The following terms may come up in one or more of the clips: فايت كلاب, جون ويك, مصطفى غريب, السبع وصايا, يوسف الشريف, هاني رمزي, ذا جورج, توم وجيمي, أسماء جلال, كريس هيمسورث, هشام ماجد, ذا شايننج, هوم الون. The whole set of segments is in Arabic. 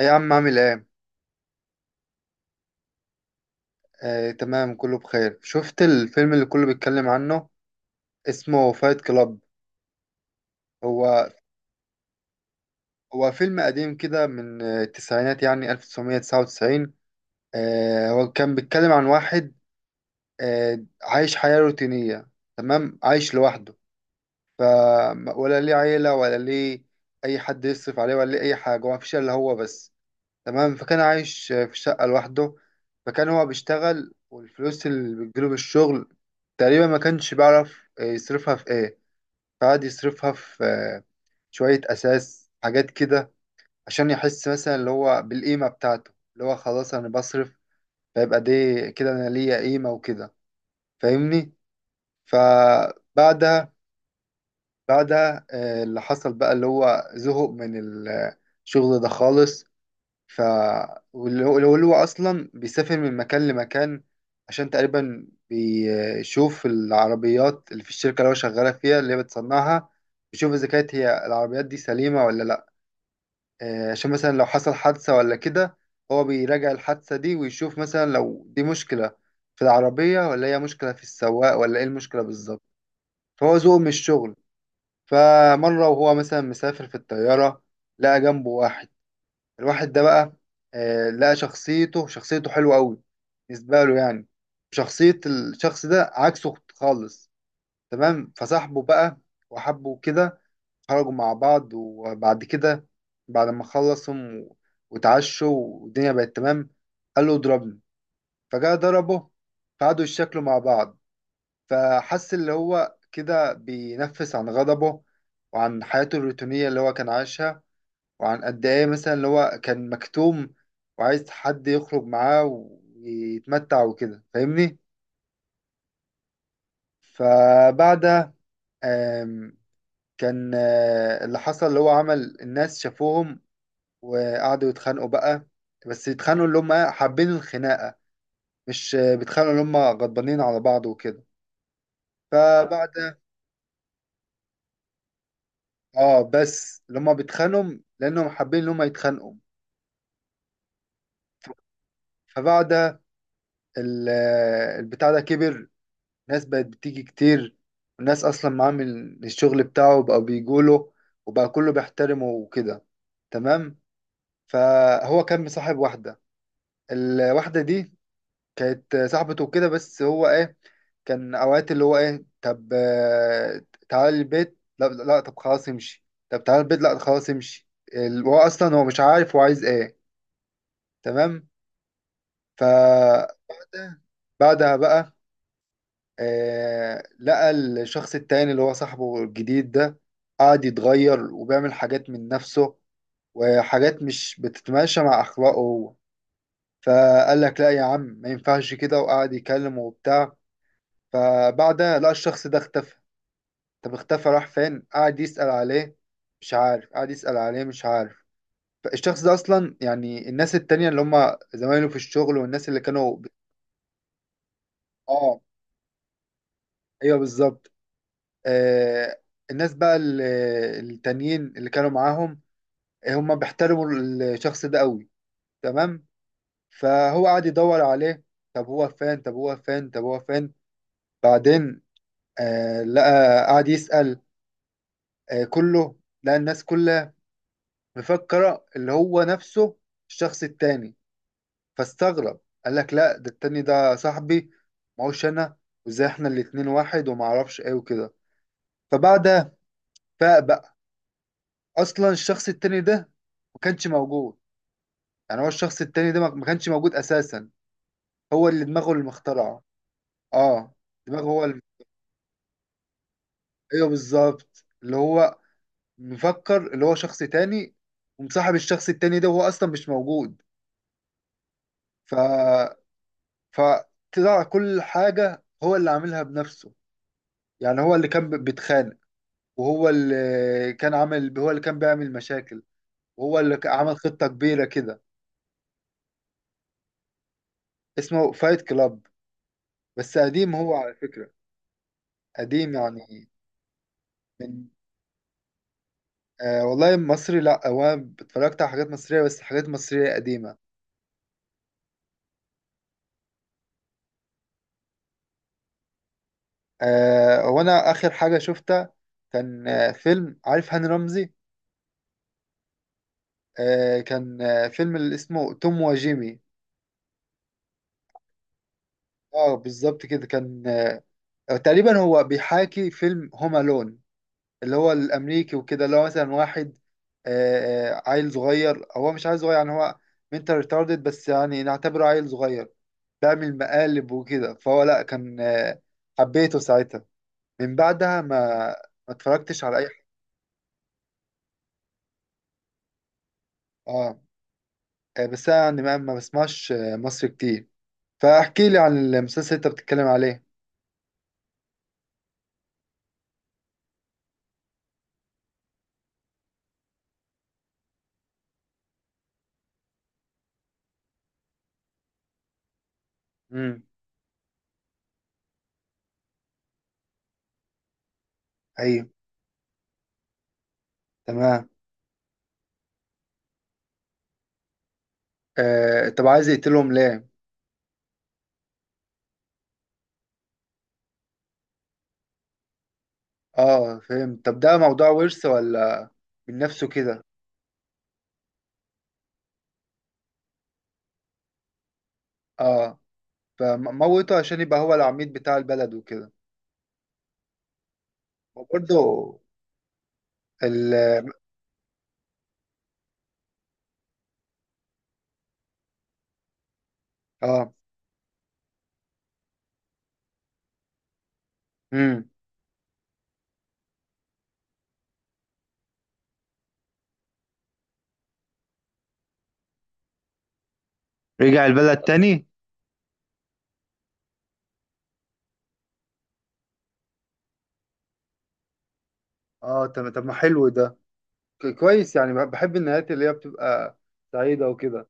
ايه يا عم عامل ايه؟ آه، تمام كله بخير. شفت الفيلم اللي كله بيتكلم عنه؟ اسمه فايت كلاب. هو هو فيلم قديم كده من التسعينات، يعني 1999. هو كان بيتكلم عن واحد عايش حياة روتينية. تمام، عايش لوحده. ف ولا ليه عيلة ولا ليه أي حد يصرف عليه، ولا ليه أي حاجة، هو مفيش إلا هو بس. تمام، فكان عايش في شقة لوحده. فكان هو بيشتغل والفلوس اللي بتجيله بالشغل تقريبا ما كانش بيعرف يصرفها في ايه. فقعد يصرفها في شوية أساس، حاجات كده، عشان يحس مثلا اللي هو بالقيمة بتاعته، اللي هو خلاص أنا بصرف، فيبقى دي كده أنا ليا قيمة وكده. فاهمني؟ فبعدها بعدها اللي حصل بقى اللي هو زهق من الشغل ده خالص. ف واللي هو اصلا بيسافر من مكان لمكان عشان تقريبا بيشوف العربيات اللي في الشركه اللي هو شغاله فيها، اللي هي بتصنعها، بيشوف اذا كانت هي العربيات دي سليمه ولا لا. عشان مثلا لو حصل حادثه ولا كده، هو بيراجع الحادثه دي ويشوف مثلا لو دي مشكله في العربيه، ولا هي مشكله في السواق، ولا ايه المشكله بالظبط. فهو ذوقه من الشغل. فمره وهو مثلا مسافر في الطياره، لقى جنبه واحد. الواحد ده بقى، لقى شخصيته شخصيته حلوة قوي بالنسبة له، يعني شخصية الشخص ده عكسه خالص. تمام، فصاحبه بقى وحبه كده. خرجوا مع بعض، وبعد كده بعد ما خلصهم واتعشوا والدنيا بقت تمام، قال له اضربني. فجاء ضربه، فقعدوا يتشكلوا مع بعض. فحس اللي هو كده بينفس عن غضبه وعن حياته الروتينية اللي هو كان عايشها، وعن قد ايه مثلا اللي هو كان مكتوم وعايز حد يخرج معاه ويتمتع وكده. فاهمني؟ فبعدها آم، كان اللي حصل اللي هو عمل الناس شافوهم وقعدوا يتخانقوا بقى. بس يتخانقوا اللي هم إيه؟ حابين الخناقة، مش بيتخانقوا اللي هم غضبانين على بعض وكده. فبعدها اه، بس اللي هم بيتخانقوا لانهم حابين اللي هم يتخانقوا. فبعدها البتاع ده كبر، ناس بقت بتيجي كتير، وناس اصلا معامل الشغل بتاعه بقى بيجوله، وبقى كله بيحترمه وكده. تمام، فهو كان مصاحب واحدة. الواحدة دي كانت صاحبته وكده، بس هو ايه، كان اوقات اللي هو ايه، طب تعالى البيت، لا لا، طب خلاص امشي. طب تعالى البيت، لا خلاص امشي. هو اصلا هو مش عارف هو عايز ايه. تمام. بعدها بعدها بقى آه، لقى الشخص التاني اللي هو صاحبه الجديد ده قاعد يتغير وبيعمل حاجات من نفسه، وحاجات مش بتتماشى مع أخلاقه هو. فقال لك لا يا عم، ما ينفعش كده، وقعد يكلمه وبتاع. فبعدها لقى الشخص ده اختفى. طب اختفى راح فين؟ قعد يسأل عليه، مش عارف. قعد يسأل عليه، مش عارف. فالشخص ده أصلا، يعني الناس التانية اللي هم زمايله في الشغل والناس اللي كانوا ب... اه ايوه بالظبط. آه، الناس بقى التانيين اللي كانوا معاهم، هم بيحترموا الشخص ده قوي. تمام، فهو قعد يدور عليه. طب هو فين؟ طب هو فين؟ طب هو فين؟ بعدين آه، لقى قعد يسأل. آه كله لقى الناس كلها مفكرة اللي هو نفسه الشخص التاني. فاستغرب، قال لك لا، ده التاني ده صاحبي، ما هوش انا، وازاي احنا الاتنين واحد وما اعرفش ايه وكده. فبعدها فاق بقى. اصلا الشخص التاني ده ما كانش موجود. يعني هو الشخص التاني ده ما كانش موجود اساسا، هو اللي دماغه اللي مخترعه. اه دماغه هو اللي... ايوه بالظبط، اللي هو مفكر اللي هو شخص تاني ومصاحب الشخص التاني ده وهو اصلا مش موجود. ف فطلع كل حاجه هو اللي عاملها بنفسه. يعني هو اللي كان بيتخانق، وهو اللي كان عامل، هو اللي كان بيعمل مشاكل، وهو اللي عمل خطه كبيره كده. اسمه فايت كلاب، بس قديم هو على فكره. قديم يعني من آه. والله مصري لا، هو انا اتفرجت على حاجات مصرية، بس حاجات مصرية قديمة. آه، هو انا اخر حاجة شفتها كان آه فيلم، عارف هاني رمزي؟ آه كان آه فيلم اللي اسمه توم وجيمي. اه بالظبط كده كان. آه تقريبا هو بيحاكي فيلم هوم الون، اللي هو الامريكي وكده، اللي هو مثلا واحد عيل صغير. هو مش عيل صغير، يعني هو منتال ريتاردد، بس يعني نعتبره عيل صغير، بيعمل مقالب وكده. فهو لا كان آه، حبيته ساعتها. من بعدها ما اتفرجتش على اي حاجه. اه بس انا يعني ما بسمعش مصري كتير. فاحكي لي عن المسلسل اللي انت بتتكلم عليه. امم، ايوه، تمام. آه طب عايز يقتلهم ليه؟ اه فهمت. طب ده موضوع ورث ولا من نفسه كده؟ اه، فموته عشان يبقى هو العميد بتاع البلد وكده. وبرضه ال... اه، امم، رجع البلد تاني. اه طب، طب ما حلو ده، كويس يعني. بحب النهايات اللي هي بتبقى سعيدة وكده.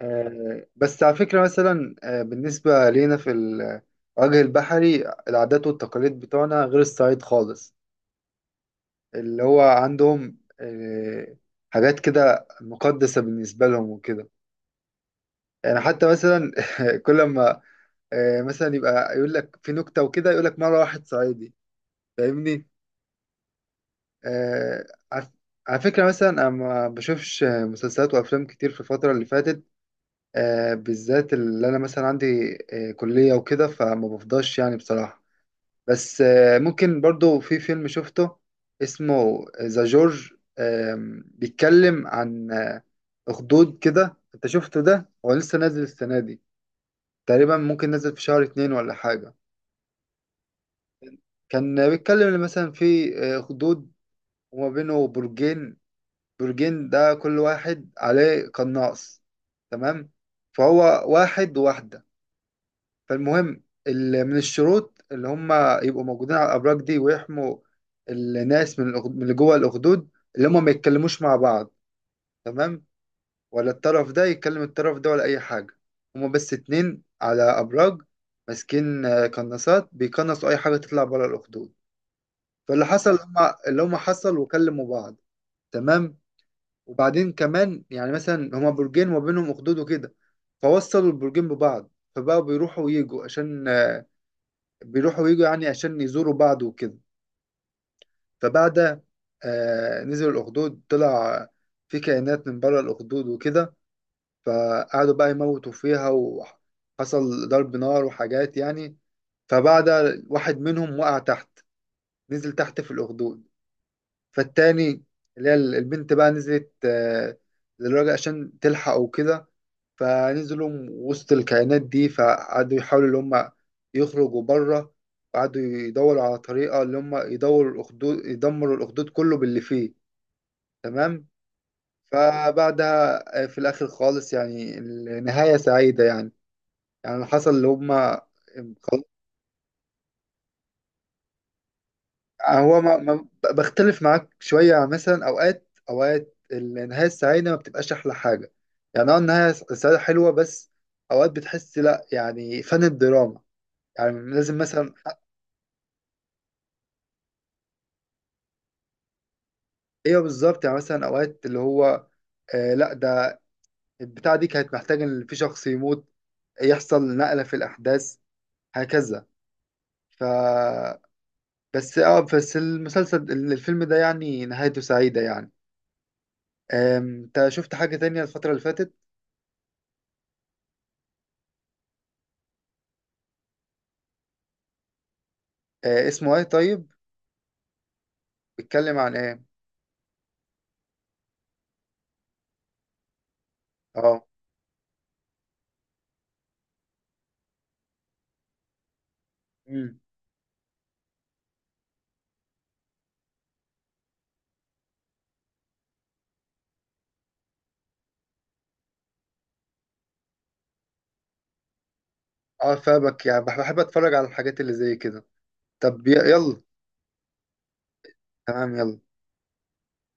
بس على فكرة مثلا بالنسبة لينا في الوجه البحري العادات والتقاليد بتوعنا غير الصعيد خالص. اللي هو عندهم حاجات كده مقدسة بالنسبة لهم وكده. يعني حتى مثلا كل ما مثلا يبقى يقول لك في نكتة وكده، يقول لك مرة واحد صعيدي. فاهمني؟ آه، على على فكرة مثلا أنا ما بشوفش مسلسلات وأفلام كتير في الفترة اللي فاتت. بالذات اللي انا مثلا عندي كلية وكده، فما بفضاش يعني بصراحة. بس ممكن برضو في فيلم شفته اسمه ذا جورج. آم، بيتكلم عن اخدود كده. انت شفته ده؟ هو لسه نازل السنة دي تقريبا، ممكن نازل في شهر اتنين ولا حاجة. كان بيتكلم إن مثلا في اخدود وما بينه برجين. برجين ده كل واحد عليه قناص. تمام، فهو واحد وواحدة. فالمهم من الشروط اللي هم يبقوا موجودين على الأبراج دي ويحموا الناس من من اللي جوه الأخدود، اللي هم ما يتكلموش مع بعض. تمام، ولا الطرف ده يكلم الطرف ده، ولا أي حاجة. هم بس اتنين على أبراج، ماسكين قناصات، بيقنصوا أي حاجة تطلع بره الأخدود. فاللي حصل هم اللي هم حصل وكلموا بعض. تمام، وبعدين كمان يعني مثلا هما برجين وما بينهم أخدود وكده، فوصلوا البرجين ببعض، فبقوا بيروحوا ويجوا عشان بيروحوا ويجوا يعني عشان يزوروا بعض وكده. فبعد آه، نزل الأخدود، طلع في كائنات من بره الأخدود وكده. فقعدوا بقى يموتوا فيها، وحصل ضرب نار وحاجات يعني. فبعد، واحد منهم وقع تحت، نزل تحت في الأخدود. فالتاني اللي هي البنت بقى نزلت آه للراجل عشان تلحقه وكده. فنزلوا وسط الكائنات دي، فقعدوا يحاولوا اللي هم يخرجوا بره، وقعدوا يدوروا على طريقة اللي هم يدوروا الأخدود، يدمروا الأخدود كله باللي فيه. تمام. فبعدها في الآخر خالص يعني النهاية سعيدة يعني. يعني اللي حصل اللي هم، هو ما ما- بختلف معاك شوية. مثلا أوقات النهاية السعيدة ما بتبقاش أحلى حاجة. يعني أه، النهاية السعيدة حلوة، بس أوقات بتحس لأ، يعني فن الدراما يعني لازم مثلا. ايوه بالظبط. يعني مثلا اوقات اللي هو آه لا، ده البتاعه دي كانت محتاجه ان في شخص يموت، يحصل نقله في الاحداث هكذا. ف بس اه، بس المسلسل الفيلم ده يعني نهايته سعيده يعني. آم، انت شفت حاجه تانية الفتره اللي فاتت؟ آه اسمه ايه طيب؟ بيتكلم عن ايه؟ اه، امم، اه فابك يعني بحب اتفرج على الحاجات اللي زي كده. طب يلا. تمام، يلا.